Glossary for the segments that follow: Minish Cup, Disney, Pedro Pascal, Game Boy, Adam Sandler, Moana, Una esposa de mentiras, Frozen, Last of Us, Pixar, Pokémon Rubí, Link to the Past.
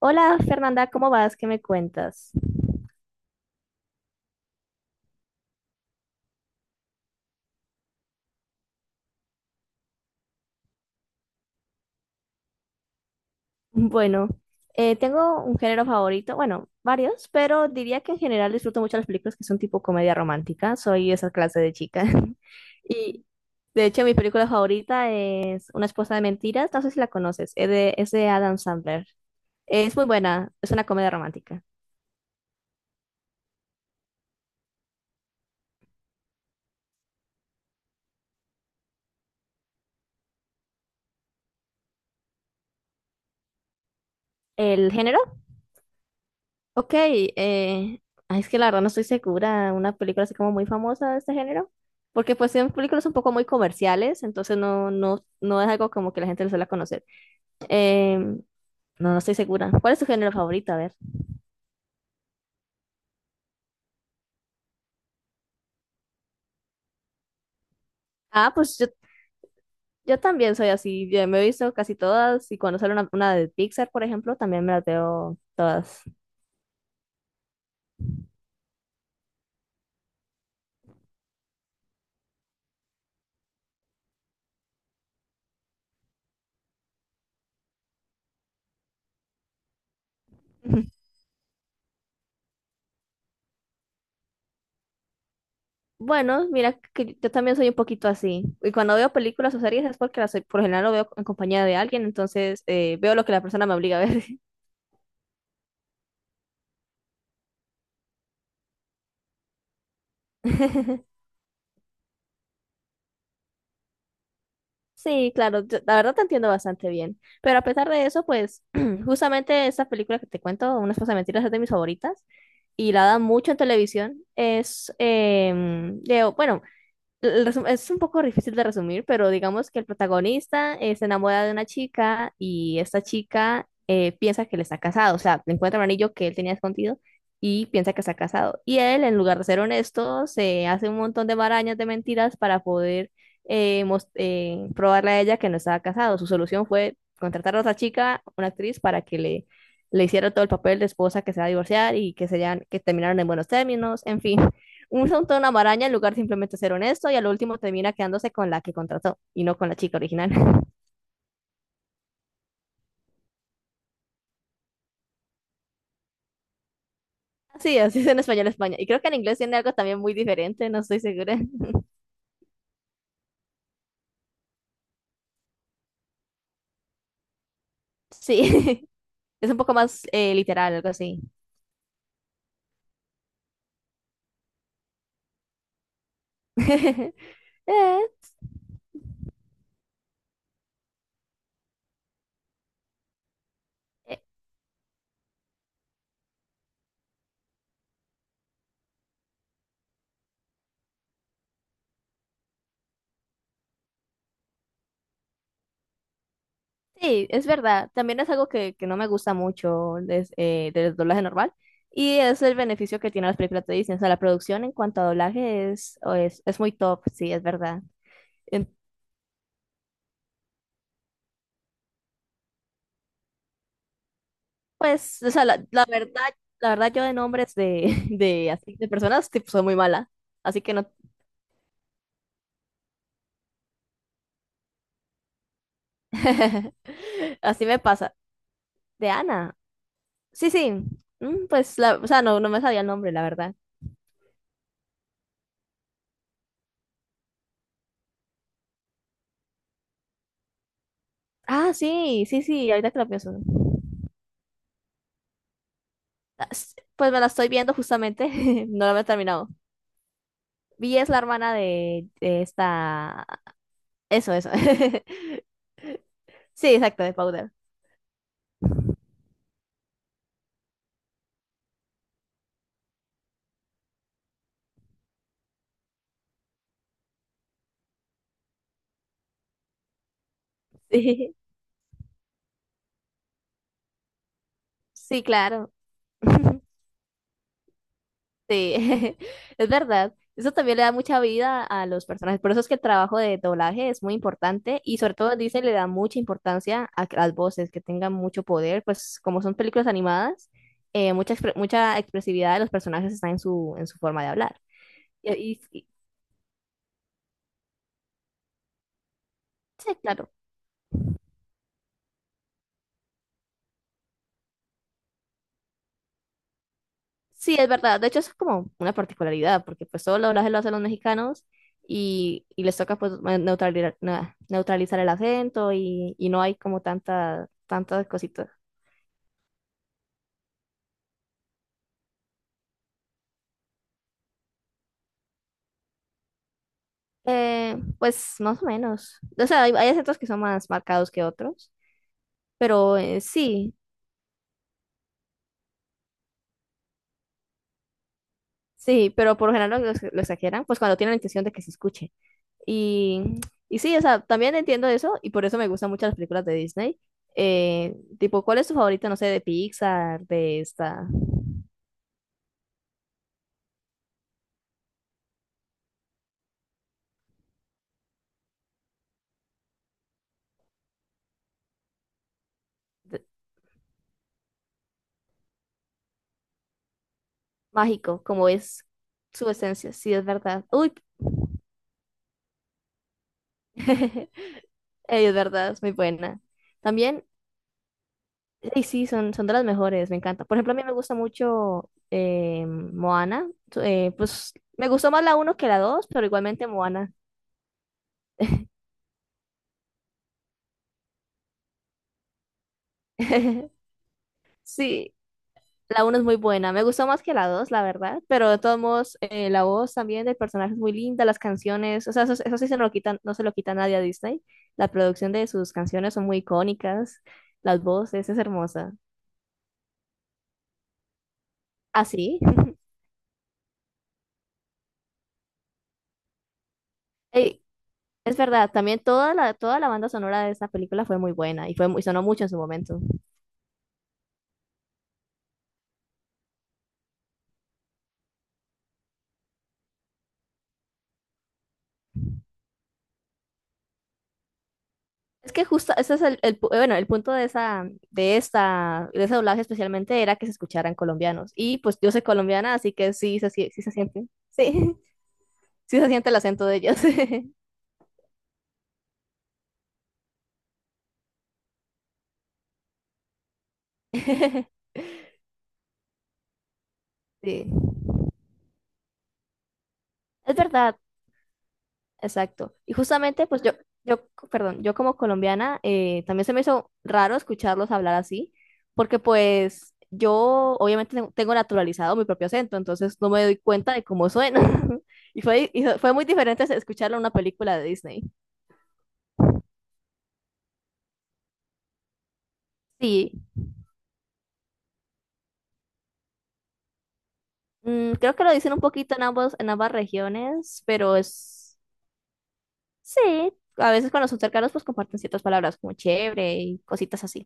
Hola Fernanda, ¿cómo vas? ¿Qué me cuentas? Bueno, tengo un género favorito, bueno, varios, pero diría que en general disfruto mucho las películas que son tipo comedia romántica. Soy esa clase de chica. Y de hecho, mi película favorita es Una esposa de mentiras. No sé si la conoces, es de Adam Sandler. Es muy buena, es una comedia romántica. ¿El género? Ok, ay, es que la verdad no estoy segura, una película así como muy famosa de este género, porque pues son películas un poco muy comerciales, entonces no es algo como que la gente le suele conocer. Em, no, no estoy segura. ¿Cuál es tu género favorito? A ver. Ah, yo también soy así, yo me he visto casi todas y cuando sale una de Pixar, por ejemplo, también me las veo todas. Bueno, mira que yo también soy un poquito así. Y cuando veo películas o series es porque las, por lo general lo veo en compañía de alguien, entonces veo lo que la persona me obliga a ver. Sí, claro, la verdad te entiendo bastante bien. Pero a pesar de eso, pues justamente esta película que te cuento, Una esposa de mentiras, es de mis favoritas y la dan mucho en televisión. Bueno, Es un poco difícil de resumir, pero digamos que el protagonista se enamora de una chica y esta chica piensa que él está casado, o sea, le encuentra un anillo que él tenía escondido y piensa que está casado. Y él, en lugar de ser honesto, se hace un montón de marañas de mentiras para poder probarle a ella que no estaba casado. Su solución fue contratar a otra chica, una actriz, le hiciera todo el papel de esposa que se va a divorciar y que terminaron en buenos términos, en fin usa un toda una maraña en lugar de simplemente ser honesto y al último termina quedándose con la que contrató y no con la chica original. Sí, así es en español España. Y creo que en inglés tiene algo también muy diferente, no estoy segura. Sí, es un poco más literal, algo así. Eh, eh, sí, es verdad. También es algo que no me gusta mucho del doblaje normal. Y es el beneficio que tienen las películas de Disney. O sea, la producción en cuanto a doblaje es muy top, sí, es verdad. Pues, o sea, la verdad yo de nombres de, de así de personas tipo, soy muy mala. Así que no. Así me pasa. De Ana. Sí, sí. Mm, pues la, o sea, no, no me sabía el nombre, la verdad. Ah, sí, sí, sí, ahorita que lo pienso. Ah, pues me la estoy viendo justamente. No la he terminado. Vi es la hermana de esta. Eso, eso. Sí, exacto, de Powder. Sí, sí, claro. Sí, es verdad. Eso también le da mucha vida a los personajes. Por eso es que el trabajo de doblaje es muy importante y sobre todo dice le da mucha importancia a que las voces, que tengan mucho poder, pues como son películas animadas, mucha expresividad de los personajes está en su forma de hablar. Y, y- y- sí, claro. Sí, es verdad. De hecho, eso es como una particularidad, porque pues todo el doblaje lo hacen los mexicanos y les toca pues neutralizar, neutralizar el acento y no hay como tanta, tantas cositas. Pues más o menos. O sea, hay acentos que son más marcados que otros, pero sí, sí, pero por lo general lo exageran, pues cuando tienen la intención de que se escuche. Y, y sí, o sea, también entiendo eso y por eso me gustan mucho las películas de Disney. Tipo, ¿cuál es tu favorita, no sé, de Pixar, de- mágico, como es su esencia? Sí, es verdad. Uy, ey, es verdad, es muy buena. También sí, sí, son, son de las mejores, me encanta. Por ejemplo, a mí me gusta mucho Moana. Pues me gustó más la uno que la 2 pero igualmente Moana. Sí, la uno es muy buena. Me gustó más que la 2 la verdad. Pero de todos modos, la voz también del personaje es muy linda, las canciones. O sea, eso sí se lo quitan, no se lo quita nadie a Disney. La producción de sus canciones son muy icónicas. Las voces, es hermosa. Así. Ey, es verdad, también toda toda la banda sonora de esa película fue muy buena sonó mucho en su momento. Es que justo, ese es bueno, el punto de esa, de esta, de ese doblaje especialmente era que se escucharan colombianos. Y pues yo soy colombiana, así que sí se siente, sí, sí se siente el acento de ellos. Sí, es verdad. Exacto. Y justamente, perdón, yo como colombiana, también se me hizo raro escucharlos hablar así, porque pues yo obviamente tengo naturalizado mi propio acento, entonces no me doy cuenta de cómo suena. Y fue muy diferente escucharlo en una película de Disney. Sí, mm, creo que lo dicen un poquito en ambos, en ambas regiones, sí, a veces cuando son cercanos, pues comparten ciertas palabras como chévere y cositas así.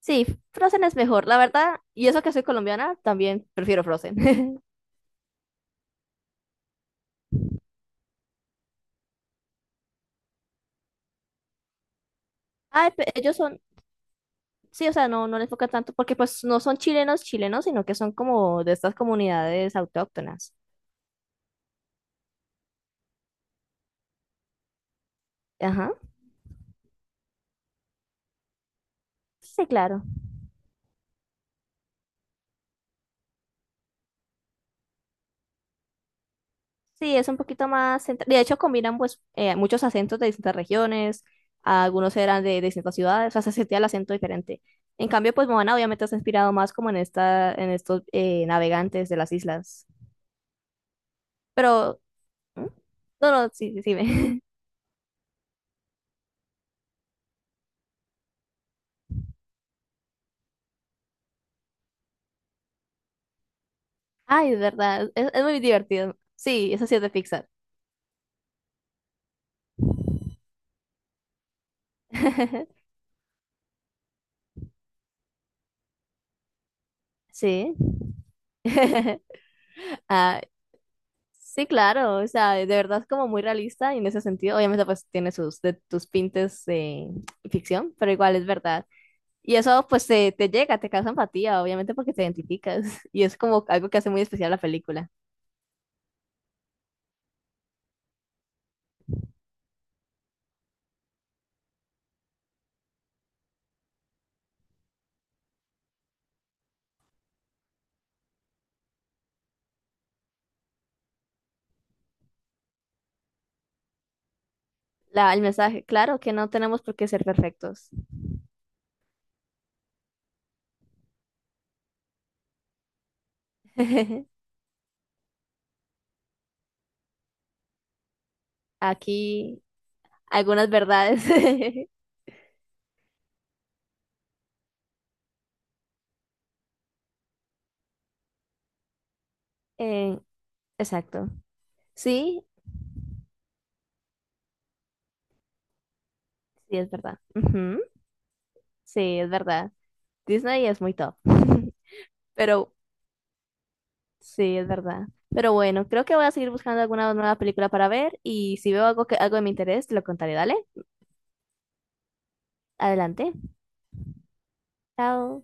Sí, Frozen es mejor, la verdad. Y eso que soy colombiana, también prefiero Frozen. Ay, pe- ellos son, sí, o sea, no les enfoca tanto porque pues no son chilenos chilenos, sino que son como de estas comunidades autóctonas. Ajá. Sí, claro. Sí, es un poquito más. De hecho, combinan pues muchos acentos de distintas regiones. Algunos eran de distintas ciudades, o sea, se sentía el acento diferente. En cambio, pues Moana obviamente se ha inspirado más como en esta, en estos navegantes de las islas. Pero, ¿mm? No, no, sí, sí, sí, ve. Ay, de verdad, es muy divertido. Sí, eso sí es de Pixar. Sí. Ah, sí, claro, o sea, de verdad es como muy realista y en ese sentido, obviamente pues tiene sus de tus pintes de ficción, pero igual es verdad. Y eso pues te llega, te causa empatía, obviamente porque te identificas y es como algo que hace muy especial la película. La, el mensaje, claro que no tenemos por qué ser perfectos. Aquí algunas verdades. Eh, exacto. Sí, sí, es verdad. Ujú, sí, es verdad. Disney es muy top. Pero sí, es verdad. Pero bueno, creo que voy a seguir buscando alguna nueva película para ver y si veo algo que algo de mi interés, te lo contaré. Dale, adelante. Chao.